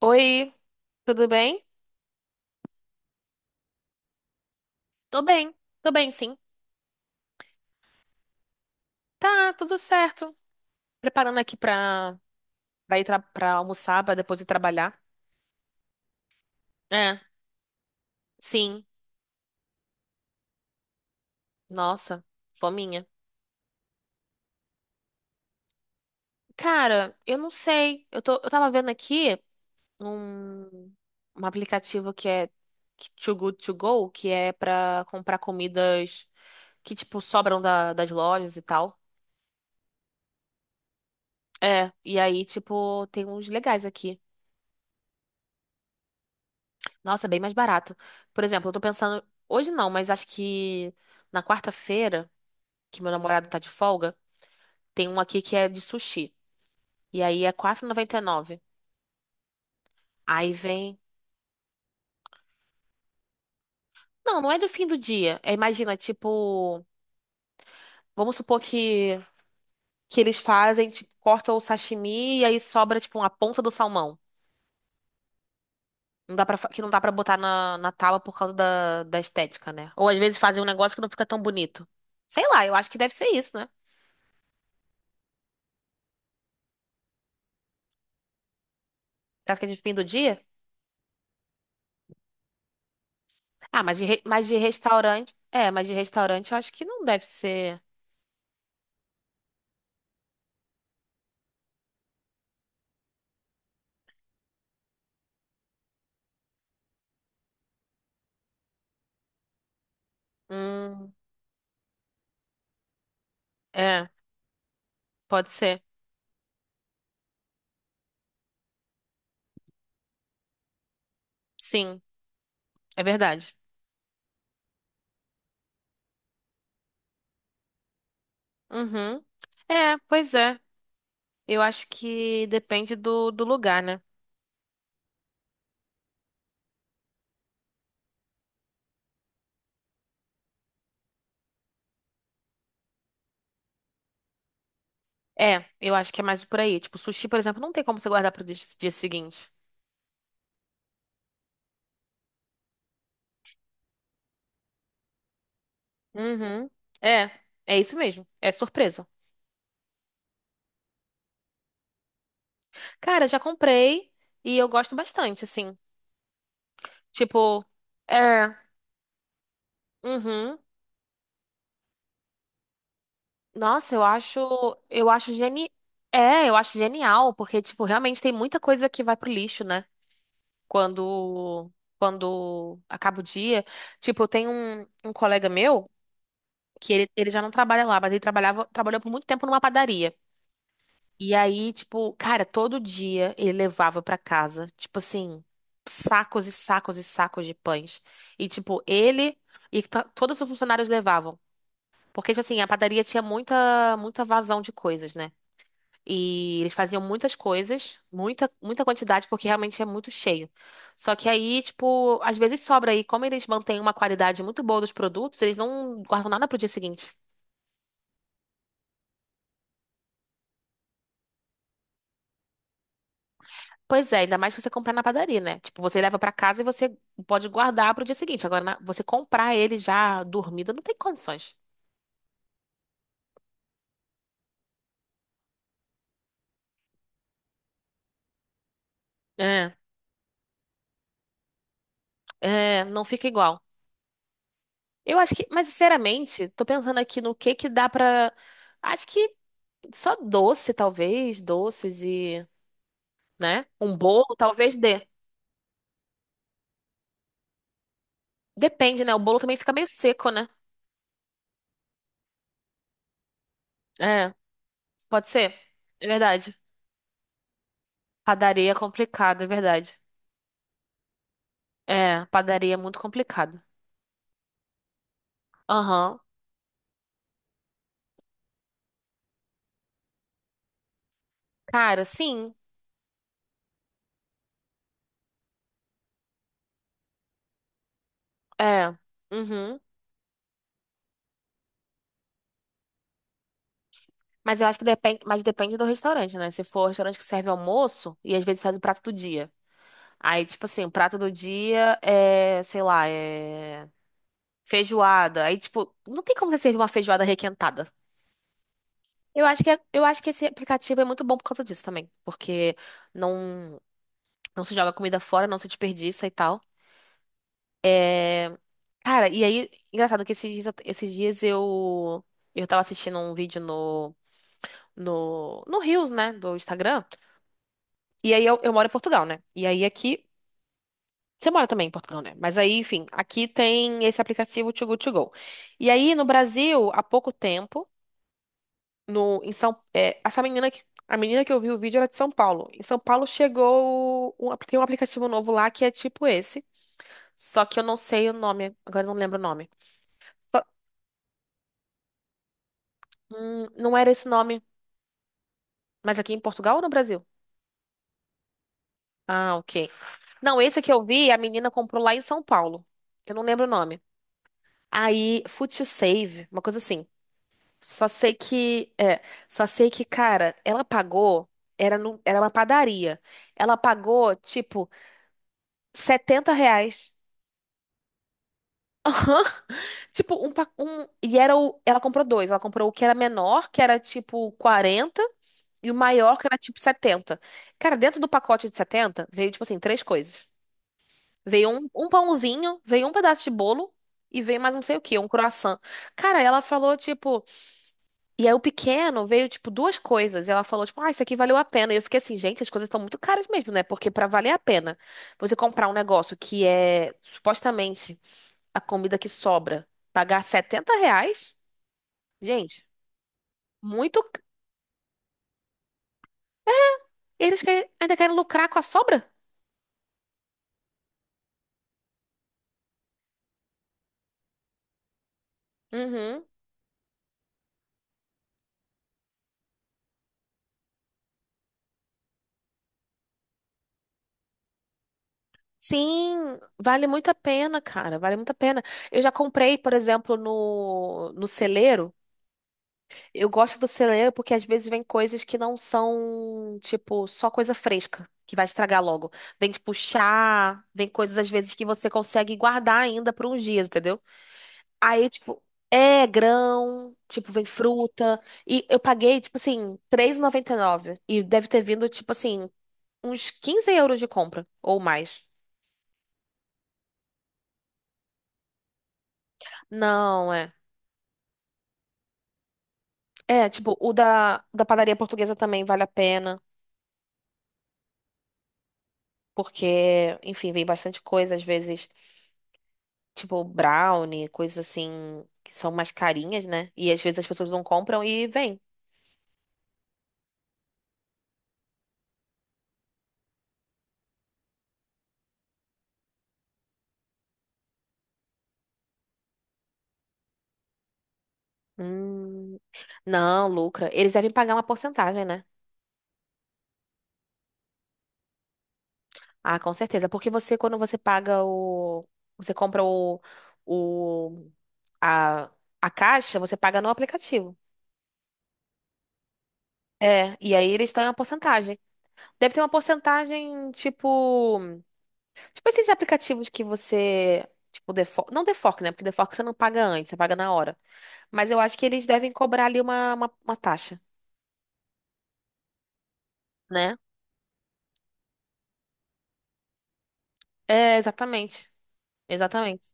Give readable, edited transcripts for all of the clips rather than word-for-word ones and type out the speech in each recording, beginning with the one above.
Oi, tudo bem? Tô bem, tô bem, sim. Tá, tudo certo. Preparando aqui pra ir pra almoçar, pra depois ir trabalhar. É. Sim. Nossa, fominha. Cara, eu não sei. Eu tava vendo aqui um, um aplicativo Too Good To Go, que é pra comprar comidas que, tipo, sobram das lojas e tal. É, e aí, tipo, tem uns legais aqui. Nossa, é bem mais barato. Por exemplo, eu tô pensando. Hoje não, mas acho que na quarta-feira, que meu namorado tá de folga, tem um aqui que é de sushi. E aí é 4,99. Aí vem. Não, não é do fim do dia. É, imagina, tipo. Vamos supor que eles fazem, tipo, cortam o sashimi e aí sobra, tipo, uma ponta do salmão. Não dá pra, fa- Que não dá pra botar na tábua por causa da estética, né? Ou às vezes fazem um negócio que não fica tão bonito. Sei lá, eu acho que deve ser isso, né? Será que é de fim do dia? Ah, mas de restaurante. É, mas de restaurante eu acho que não deve ser. Hum. É, pode ser. Sim, é verdade. Uhum. É, pois é. Eu acho que depende do lugar, né? É, eu acho que é mais por aí. Tipo, sushi, por exemplo, não tem como você guardar pro dia seguinte. Uhum. É, é isso mesmo. É surpresa. Cara, já comprei e eu gosto bastante, assim. Tipo, é. Uhum. Nossa, eu acho geni... É, eu acho genial, porque, tipo, realmente tem muita coisa que vai pro lixo, né? Quando, quando acaba o dia. Tipo, eu tenho um colega meu que ele já não trabalha lá, mas ele trabalhou por muito tempo numa padaria. E aí, tipo, cara, todo dia ele levava pra casa, tipo assim, sacos e sacos e sacos de pães. E, tipo, todos os funcionários levavam. Porque, tipo assim, a padaria tinha muita, muita vazão de coisas, né? E eles faziam muitas coisas, muita, muita quantidade, porque realmente é muito cheio. Só que aí, tipo, às vezes sobra aí, como eles mantêm uma qualidade muito boa dos produtos, eles não guardam nada pro dia seguinte. Pois é, ainda mais se você comprar na padaria, né? Tipo, você leva pra casa e você pode guardar pro dia seguinte. Agora, você comprar ele já dormido, não tem condições. É, é, não fica igual. Eu acho que, mas sinceramente, tô pensando aqui no que dá pra. Acho que só doce, talvez, doces e, né? Um bolo talvez dê. Depende, né? O bolo também fica meio seco, né? É, pode ser. É verdade. Padaria é complicado, é verdade. É, padaria é muito complicado. Aham. Cara, sim. É. Uhum. Mas eu acho que depende do restaurante, né? Se for restaurante que serve almoço e às vezes faz o prato do dia. Aí, tipo assim, o prato do dia é, sei lá, é feijoada. Aí, tipo, não tem como você servir uma feijoada requentada. Eu acho que esse aplicativo é muito bom por causa disso também, porque não, não se joga comida fora, não se desperdiça e tal. Cara, e aí, engraçado que esses dias eu tava assistindo um vídeo no no Reels, né, do Instagram. E aí eu moro em Portugal, né? E aí aqui você mora também em Portugal, né? Mas aí, enfim, aqui tem esse aplicativo Too Good To Go. E aí no Brasil, há pouco tempo no em São é, essa menina que a menina que eu vi o vídeo era de São Paulo. Em São Paulo tem um aplicativo novo lá que é tipo esse, só que eu não sei o nome, agora eu não lembro o nome. Só- não era esse nome, mas aqui em Portugal ou no Brasil? Ah, ok. Não, esse que eu vi, a menina comprou lá em São Paulo. Eu não lembro o nome. Aí, Fut You Save, uma coisa assim. Só sei que, é, só sei que, cara, ela pagou, era, no, era uma padaria. Ela pagou, tipo, R$ 70. Aham. Tipo, um. E era o. Ela comprou dois. Ela comprou o que era menor, que era tipo 40, e o maior, que era tipo 70. Cara, dentro do pacote de 70 veio, tipo assim, três coisas. Veio um pãozinho, veio um pedaço de bolo e veio mais não sei o quê, um croissant. Cara, ela falou, tipo. E aí o pequeno veio, tipo, duas coisas. E ela falou, tipo, ah, isso aqui valeu a pena. E eu fiquei assim, gente, as coisas estão muito caras mesmo, né? Porque pra valer a pena, você comprar um negócio que é supostamente a comida que sobra, pagar R$ 70? Gente, muito. Ainda querem lucrar com a sobra? Uhum. Sim, vale muito a pena, cara. Vale muito a pena. Eu já comprei, por exemplo, no celeiro. Eu gosto do celeiro porque às vezes vem coisas que não são, tipo, só coisa fresca, que vai estragar logo. Vem, tipo, chá, vem coisas às vezes que você consegue guardar ainda por uns dias, entendeu? Aí, tipo, é grão, tipo, vem fruta. E eu paguei, tipo assim, 3,99. E noventa e nove E deve ter vindo, tipo assim, uns € 15 de compra, ou mais. Não, é. É, tipo, o da padaria portuguesa também vale a pena. Porque, enfim, vem bastante coisa, às vezes, tipo, brownie, coisas assim, que são mais carinhas, né? E às vezes as pessoas não compram e vem. Hum, não, lucra. Eles devem pagar uma porcentagem, né? Ah, com certeza. Porque você, quando você paga o. Você compra o, a, a caixa, você paga no aplicativo. É, e aí eles têm uma porcentagem. Deve ter uma porcentagem, tipo. Tipo esses aplicativos que você. Tipo, não defork, né? Porque defork você não paga antes, você paga na hora. Mas eu acho que eles devem cobrar ali uma taxa, né? É, exatamente. Exatamente.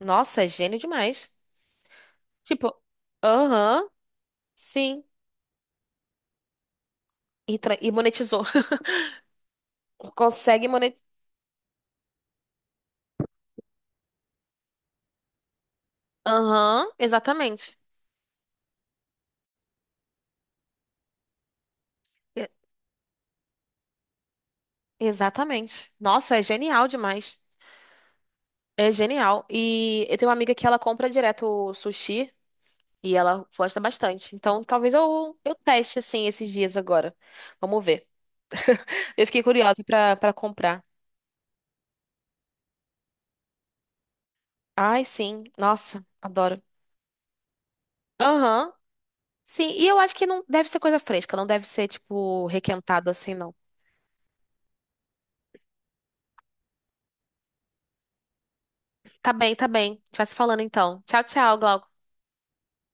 Nossa, é gênio demais. Tipo, aham, sim. E monetizou. Consegue. Aham, exatamente. E- Exatamente. Nossa, é genial demais. É genial. E eu tenho uma amiga que ela compra direto sushi e ela gosta bastante. Então, talvez eu teste assim esses dias agora. Vamos ver. Eu fiquei curiosa pra comprar. Ai, sim. Nossa, adoro. Aham. Sim, e eu acho que não deve ser coisa fresca, não deve ser, tipo, requentado assim, não. Tá bem, tá bem. A gente vai se falando então. Tchau, tchau, Glauco.